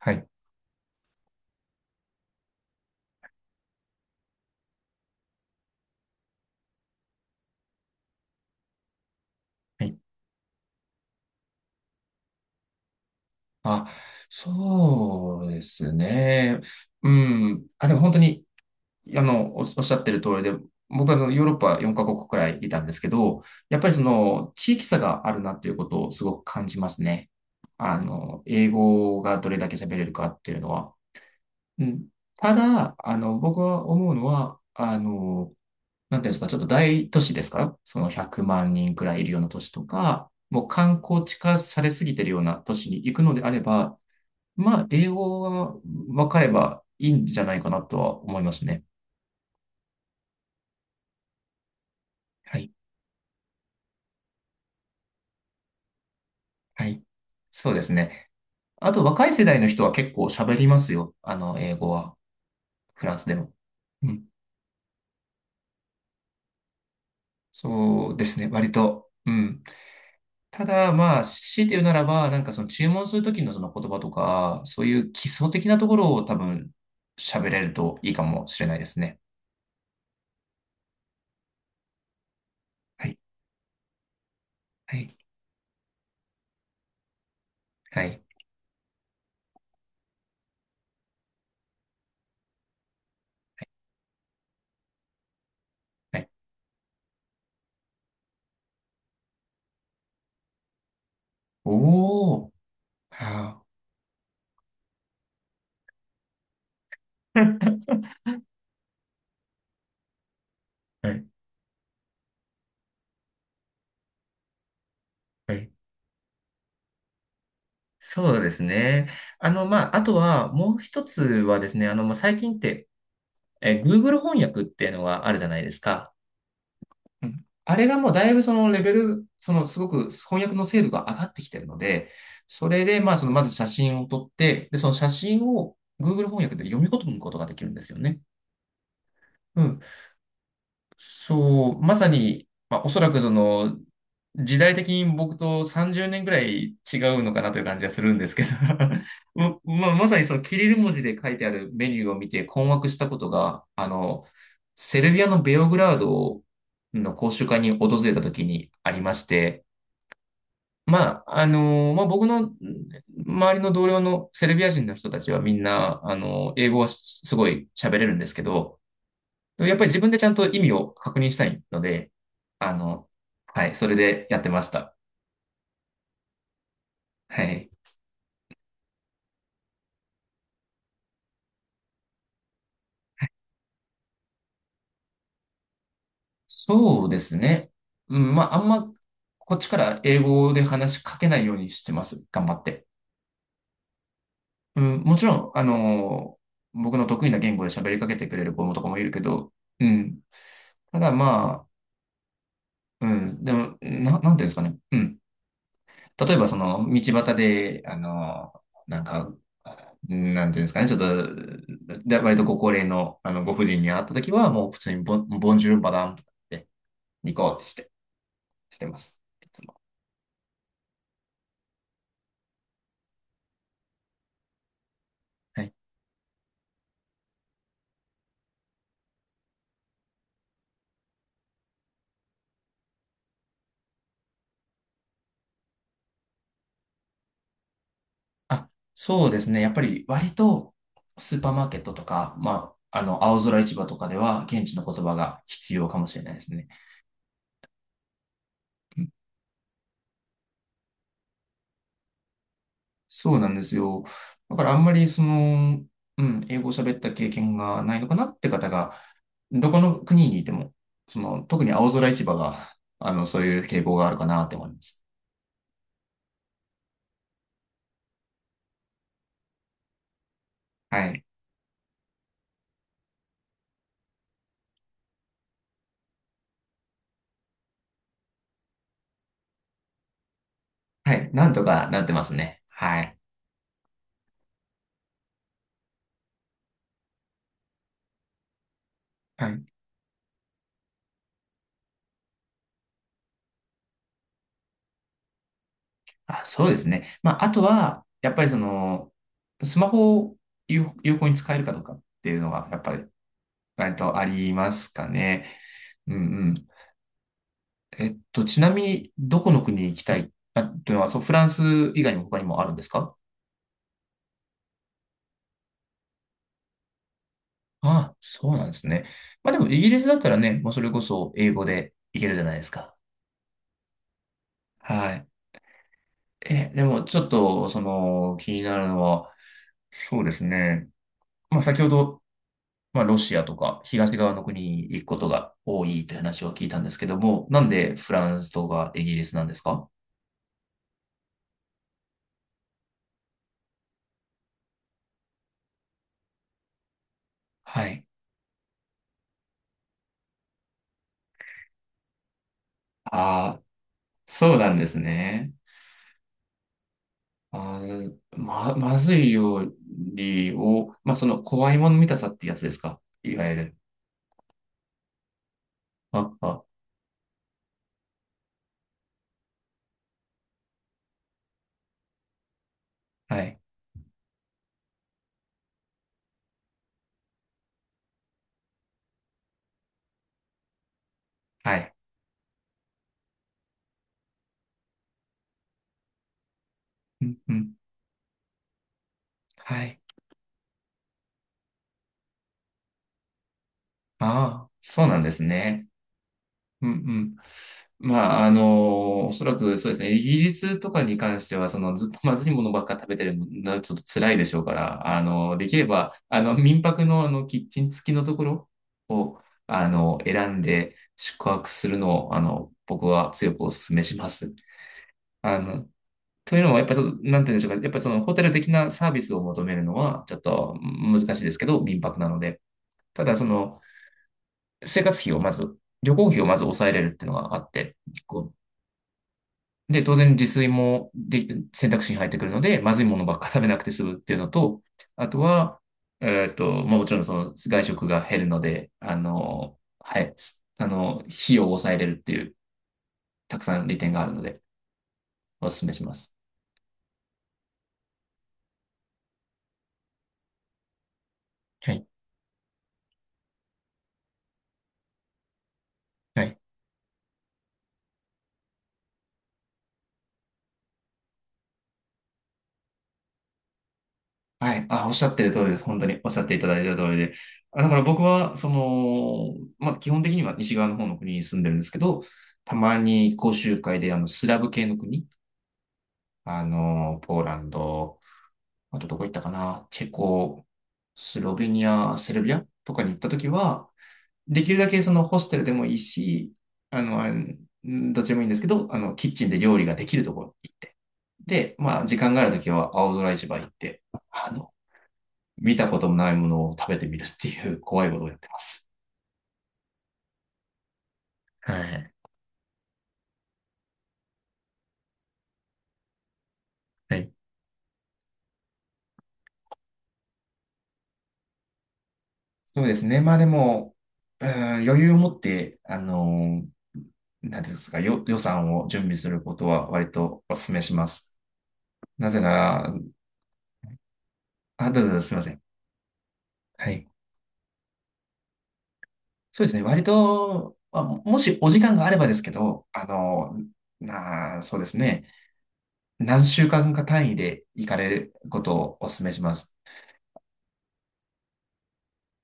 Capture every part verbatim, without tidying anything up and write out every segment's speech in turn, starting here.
はい。はい。あ、そうですね。うん。あ、でも本当に、あの、お、おっしゃってる通りで、僕はあのヨーロッパよんかこくカ国くらいいたんですけど、やっぱりその地域差があるなっていうことをすごく感じますね。あの、英語がどれだけ喋れるかっていうのは。うん。ただ、あの、僕は思うのは、あの、なんていうんですか、ちょっと大都市ですか？そのひゃくまん人くらいいるような都市とか、もう観光地化されすぎてるような都市に行くのであれば、まあ、英語が分かればいいんじゃないかなとは思いますね。はい。はい。そうですね。あと、若い世代の人は結構喋りますよ。あの、英語は。フランスでも。うん。そうですね。割と。うん。ただ、まあ、強いて言うならば、なんかその注文するときのその言葉とか、そういう基礎的なところを多分喋れるといいかもしれないですね。はい、はい、はい、はい。おー、はあ はい、はい、そうですね。あの、まあ、あとは、もう一つはですね、あの、もう最近って、えー、Google 翻訳っていうのがあるじゃないですか。うん、あれがもうだいぶそのレベル、そのすごく翻訳の精度が上がってきてるので、それでまあそのまず写真を撮って、で、その写真を Google 翻訳で読み込むことができるんですよね。うん。そう、まさに、まあ、おそらくその、時代的に僕とさんじゅうねんぐらい違うのかなという感じはするんですけど、 ま、まあまさにそのキリル文字で書いてあるメニューを見て困惑したことが、あの、セルビアのベオグラードの講習会に訪れた時にありまして、まあ、あの、まあ、僕の周りの同僚のセルビア人の人たちはみんな、あの、英語はすごい喋れるんですけど、でもやっぱり自分でちゃんと意味を確認したいので、あの、はい、それでやってました。はい。そうですね。うん、まあ、あんま、こっちから英語で話しかけないようにしてます。頑張って。うん、もちろん、あのー僕の得意な言語で喋りかけてくれる子もとかもいるけど、うん。ただまあ、うん、でも、な、なんていうんですかね。うん。例えばその道端で、あの、なんか、なんていうんですかね、ちょっと、で割とご高齢の、あのご婦人に会ったときは、もう普通にボン、ボンジュールマダムとか言って、ニコってして、してます。いつも。はい。あ、そうですね。やっぱり割とスーパーマーケットとか、まあ、あの、青空市場とかでは現地の言葉が必要かもしれないですね。そうなんですよ。だからあんまりその、うん、英語を喋った経験がないのかなって方が、どこの国にいても、その、特に青空市場が、あの、そういう傾向があるかなって思います。はい。はい。なんとかなってますね。はい。はい。あ、そうですね。まあ、あとは、やっぱりその、スマホを有、有効に使えるかどうかっていうのが、やっぱり、割とありますかね。うん、うん。えっと、ちなみに、どこの国に行きたいあ、というのは、そう、フランス以外にも他にもあるんですか？ああ、そうなんですね。まあでも、イギリスだったらね、もうそれこそ英語で行けるじゃないですか。はい。え、でも、ちょっと、その、気になるのは、そうですね。まあ、先ほど、まあ、ロシアとか東側の国に行くことが多いという話を聞いたんですけども、なんでフランスとかイギリスなんですか？はい。ああ、そうなんですね。まず、ま、まずい料理を、まあ、その、怖いもの見たさってやつですか、いわゆる。あ、あ、はい、はい。うん、うん、はい。ああ、そうなんですね。うん、うん。まあ、あのおそらくそうですね。イギリスとかに関しては、その、ずっとまずいものばっか食べてるのはちょっと辛いでしょうから、あのできれば、あの、民泊のあの、キッチン付きのところを、あの、選んで宿泊するのを、あの、僕は強くお勧めします。あの、というのは、やっぱりその、なんて言うんでしょうか。やっぱりそのホテル的なサービスを求めるのは、ちょっと難しいですけど、民泊なので。ただ、その、生活費をまず、旅行費をまず抑えれるっていうのがあって、こうで、当然自炊もで選択肢に入ってくるので、まずいものばっか食べなくて済むっていうのと、あとは、えっと、まあ、もちろんその外食が減るので、あの、はい、あの、費用を抑えれるっていう、たくさん利点があるので、お勧めします。はい。はい、はい。あ、おっしゃってる通りです。本当におっしゃっていただいてる通りで。あ、だから僕は、その、まあ、基本的には西側の方の国に住んでるんですけど、たまに講習会で、あの、スラブ系の国、あの、ポーランド、あとどこ行ったかな、チェコ、スロベニア、セルビアとかに行ったときは、できるだけそのホステルでもいいし、あの、あんどっちでもいいんですけど、あの、キッチンで料理ができるところに行って、で、まあ、時間があるときは青空市場行って、あの見たこともないものを食べてみるっていう 怖いことをやってます。はい。はい。そうですね。まあでも、うーん、余裕を持って、あのー何ですか、よ、予算を準備することは割とお勧めします。なぜなら、あ、どうぞどうぞ、すみません。はい。そうですね。割と、まあ、もしお時間があればですけど、あのーなあ、そうですね。何週間か単位で行かれることをお勧めします。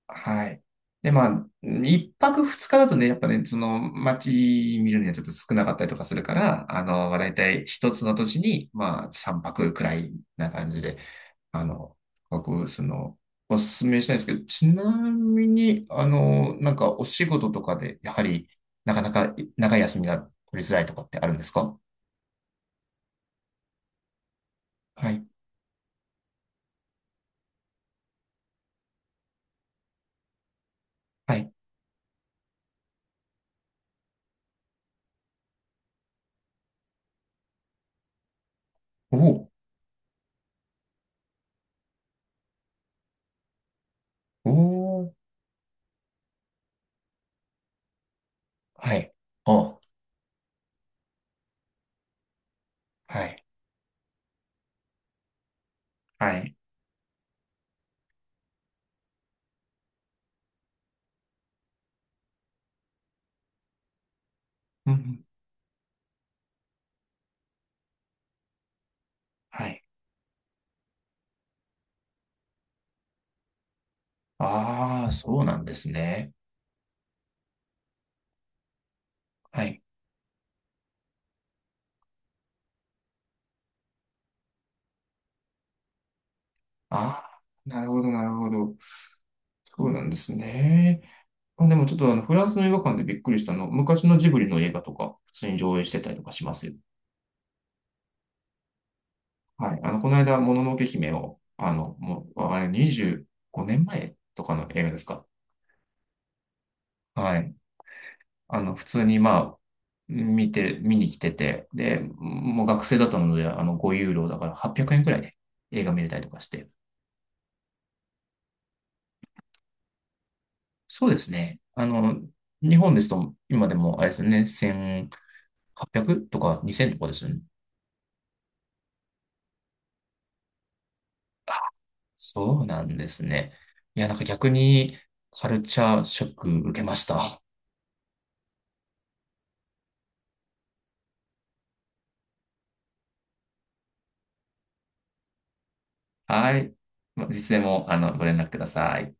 はい。で、まあ、一泊二日だとね、やっぱね、その街見るにはちょっと少なかったりとかするから、あの、まあ、大体一つの都市に、まあ、三泊くらいな感じで、あの、僕、その、おすすめしたいんですけど、ちなみに、あの、なんかお仕事とかで、やはり、なかなか長い休みが取りづらいとかってあるんですか？はい。はい。おお、おお、はい。お、はい。はい。うん、うん。はい。ああ、そうなんですね。はい。ああ、なるほど、なるほど。そうなんですね。あ、でもちょっとあの、フランスの映画館でびっくりしたの、昔のジブリの映画とか、普通に上映してたりとかしますよ。はい。あの、この間、もののけ姫を、あの、もう、あれ、にじゅうごねんまえとかの映画ですか。はい。あの、普通に、まあ、見て、見に来てて、で、もう学生だったので、あの、ごユーロだからはっぴゃくえんくえんくらいで映画見れたりとかして。そうですね。あの、日本ですと、今でも、あれですよね、せん、はっぴゃくとかにせんとかですよね。あ、そうなんですね。いや、なんか逆にカルチャーショック受けました。はい。まあいつでも、あの、ご連絡ください。